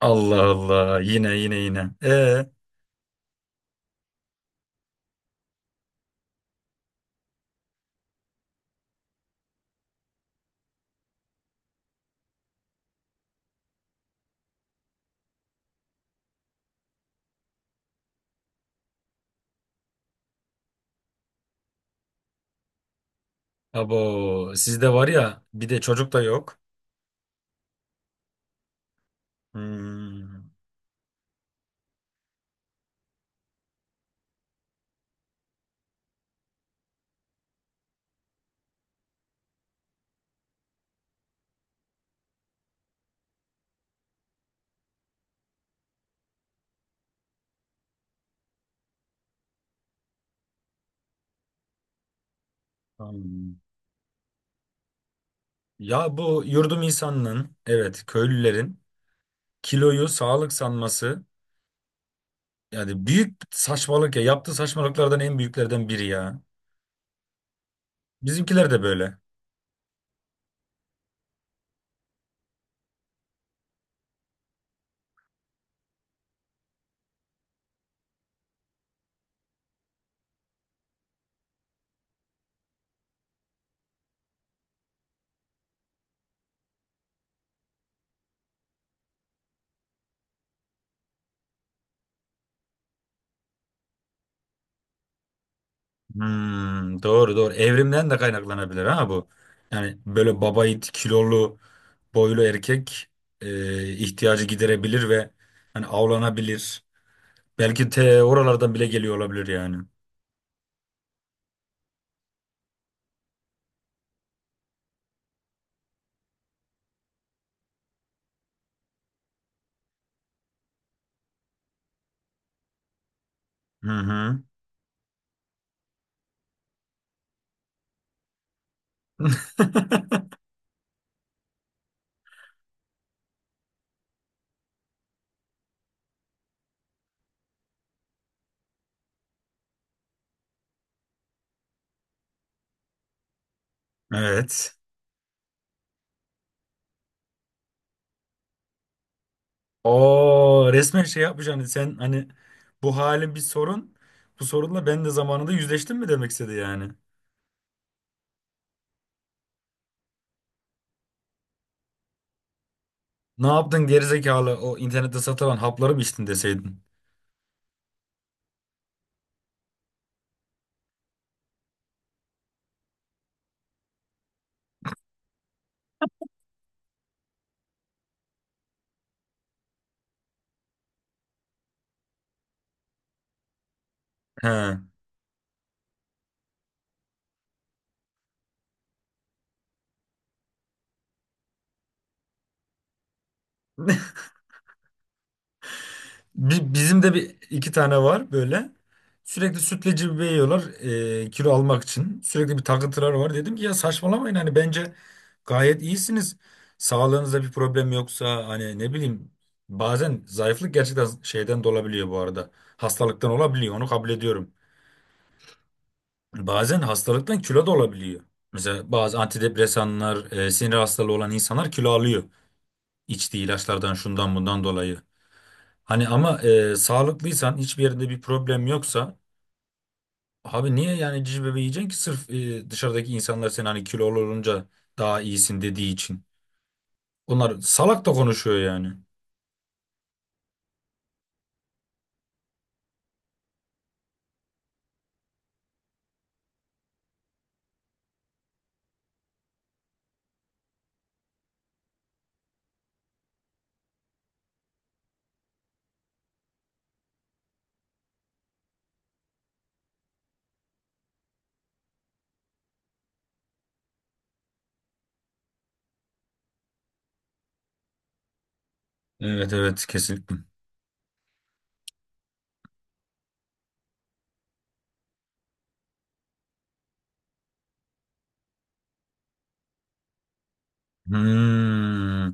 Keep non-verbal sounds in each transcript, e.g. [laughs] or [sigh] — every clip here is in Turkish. Allah Allah, yine. Abo sizde var ya, bir de çocuk da yok. Hmm, hmm. Ya bu yurdum insanının, evet, köylülerin kiloyu sağlık sanması yani büyük saçmalık ya, yaptığı saçmalıklardan en büyüklerden biri ya. Bizimkiler de böyle. Hmm, doğru doğru, evrimden de kaynaklanabilir ha bu. Yani böyle babayit, kilolu, boylu erkek ihtiyacı giderebilir ve hani avlanabilir. Belki te oralardan bile geliyor olabilir yani. Hı hı. [laughs] Evet. O resmen şey yapmış, hani sen hani bu halin bir sorun. Bu sorunla ben de zamanında yüzleştim mi demek istedi yani. Ne yaptın gerizekalı, o internette satılan hapları mı içtin deseydin. He. [laughs] Bizim de bir iki tane var böyle. Sürekli sütleci bir yiyorlar kilo almak için. Sürekli bir takıntıları var. Dedim ki ya saçmalamayın, hani bence gayet iyisiniz. Sağlığınızda bir problem yoksa, hani ne bileyim, bazen zayıflık gerçekten şeyden de olabiliyor bu arada. Hastalıktan olabiliyor, onu kabul ediyorum. Bazen hastalıktan kilo da olabiliyor. Mesela bazı antidepresanlar, sinir hastalığı olan insanlar kilo alıyor. İçtiği ilaçlardan, şundan bundan dolayı. Hani ama sağlıklıysan, hiçbir yerinde bir problem yoksa abi niye yani cici bebeği yiyeceksin ki sırf dışarıdaki insanlar seni hani kilolu olunca daha iyisin dediği için. Onlar salak da konuşuyor yani. Evet evet, kesinlikle. Hmm.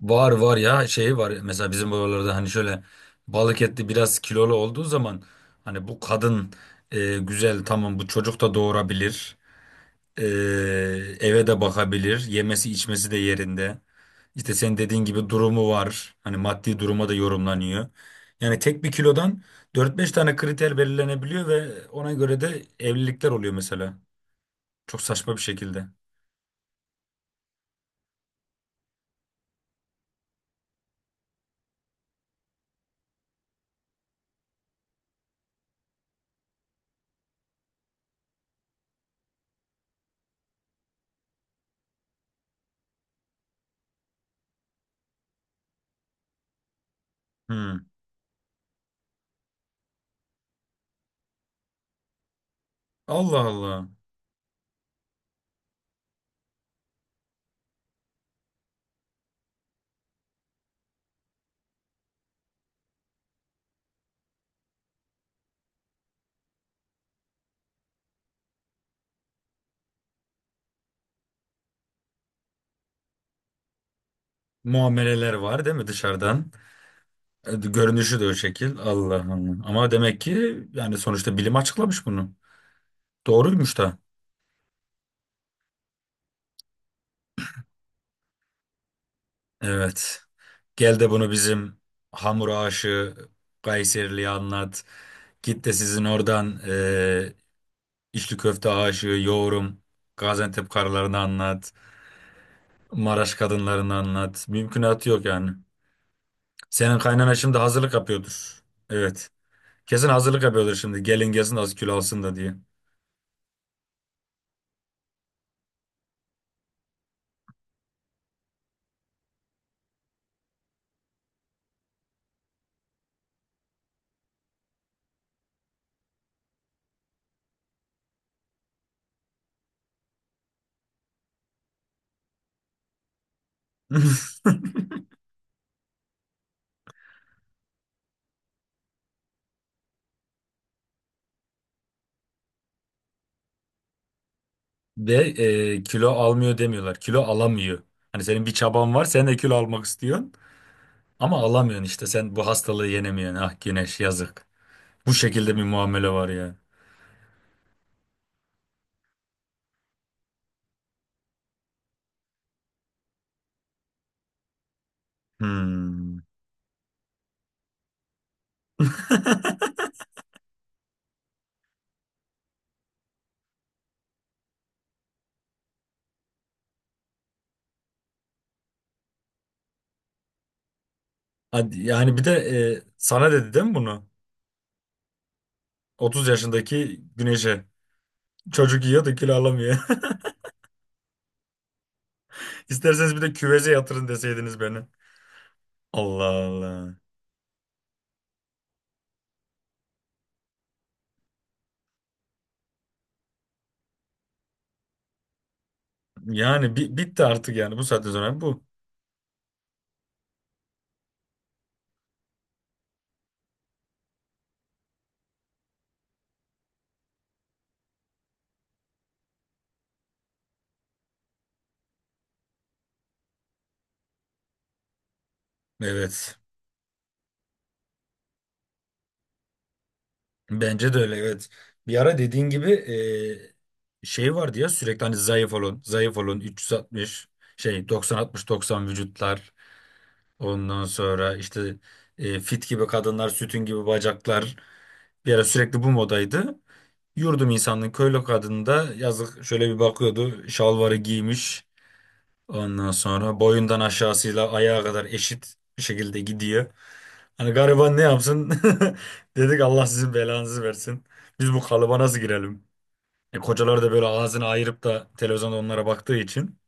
Var var ya, şey var mesela bizim buralarda, hani şöyle balık etli biraz kilolu olduğu zaman hani bu kadın güzel, tamam, bu çocuk da doğurabilir. Ee, Eve de bakabilir. Yemesi içmesi de yerinde. İşte senin dediğin gibi durumu var. Hani maddi duruma da yorumlanıyor. Yani tek bir kilodan dört beş tane kriter belirlenebiliyor ve ona göre de evlilikler oluyor mesela. Çok saçma bir şekilde. Hmm. Allah Allah. Muameleler var değil mi dışarıdan? Görünüşü de o şekil. Allah Allah. Ama demek ki yani sonuçta bilim açıklamış bunu. Doğruymuş da. Evet. Gel de bunu bizim hamur aşığı Kayserili'ye anlat. Git de sizin oradan içli köfte aşığı yoğurum Gaziantep karılarını anlat. Maraş kadınlarını anlat. Mümkünatı yok yani. Senin kaynana şimdi hazırlık yapıyordur. Evet. Kesin hazırlık yapıyordur şimdi. Gelin gelsin az kilo alsın da diye. [laughs] Ve kilo almıyor demiyorlar. Kilo alamıyor. Hani senin bir çaban var, sen de kilo almak istiyorsun. Ama alamıyorsun, işte sen bu hastalığı yenemiyorsun. Ah Güneş, yazık. Bu şekilde bir muamele var ya. Hmm. [laughs] Hadi yani, bir de sana dedi değil mi bunu? 30 yaşındaki Güneş'e. Çocuk yiyor da kilo alamıyor. [laughs] İsterseniz bir de küveze yatırın deseydiniz beni. Allah Allah. Yani bitti artık yani bu saatten sonra bu. Evet. Bence de öyle, evet. Bir ara dediğin gibi şey vardı ya, sürekli hani zayıf olun, zayıf olun, 360 şey, 90 60 90 vücutlar. Ondan sonra işte fit gibi kadınlar, sütün gibi bacaklar, bir ara sürekli bu modaydı. Yurdum insanın köylü kadını da yazık şöyle bir bakıyordu. Şalvarı giymiş. Ondan sonra boyundan aşağısıyla ayağa kadar eşit bir şekilde gidiyor. Hani gariban ne yapsın? [laughs] Dedik Allah sizin belanızı versin. Biz bu kalıba nasıl girelim? Kocalar da böyle ağzını ayırıp da televizyonda onlara baktığı için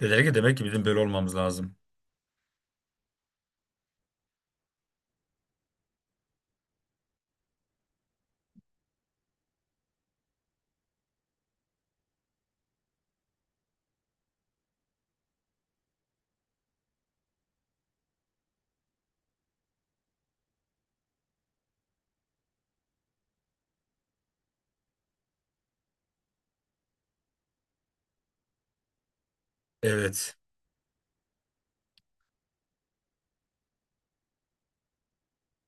dediler ki demek ki bizim böyle olmamız lazım. Evet.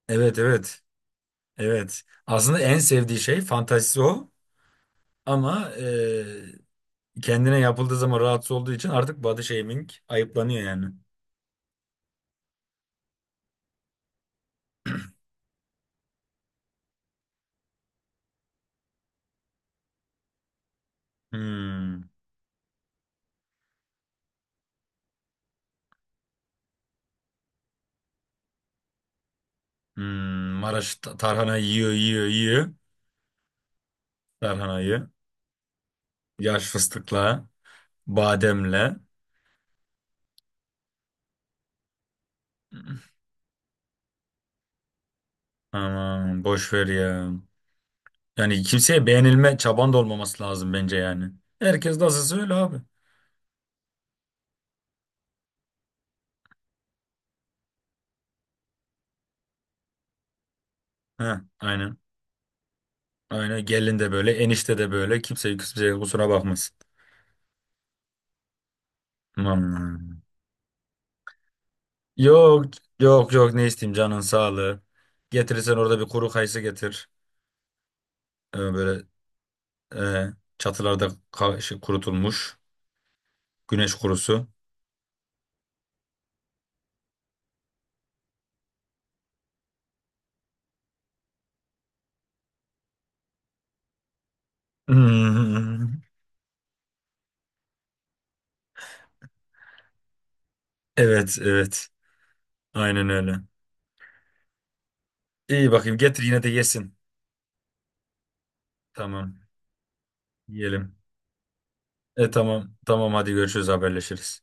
Evet evet. Evet. Aslında en sevdiği şey fantazisi o. Ama kendine yapıldığı zaman rahatsız olduğu için artık body shaming ayıplanıyor yani. Hmm. Hmm. Maraş tarhana yiyor yiyor yiyor. Tarhanayı. Yaş fıstıkla. Bademle. Aman boş ver ya. Yani kimseye beğenilme çaban da olmaması lazım bence yani. Herkes nasılsa öyle abi. Heh, aynen. Aynen gelin de böyle, enişte de böyle, kimse kimseye kusura bakmasın. Aman. Yok yok yok, ne isteyeyim, canın sağlığı. Getirirsen orada bir kuru kayısı getir. Böyle e, çatılarda kurutulmuş güneş kurusu. [laughs] Hmm, evet evet, aynen öyle. İyi, bakayım getir, yine de yesin. Tamam, yiyelim. Tamam tamam, hadi görüşürüz, haberleşiriz.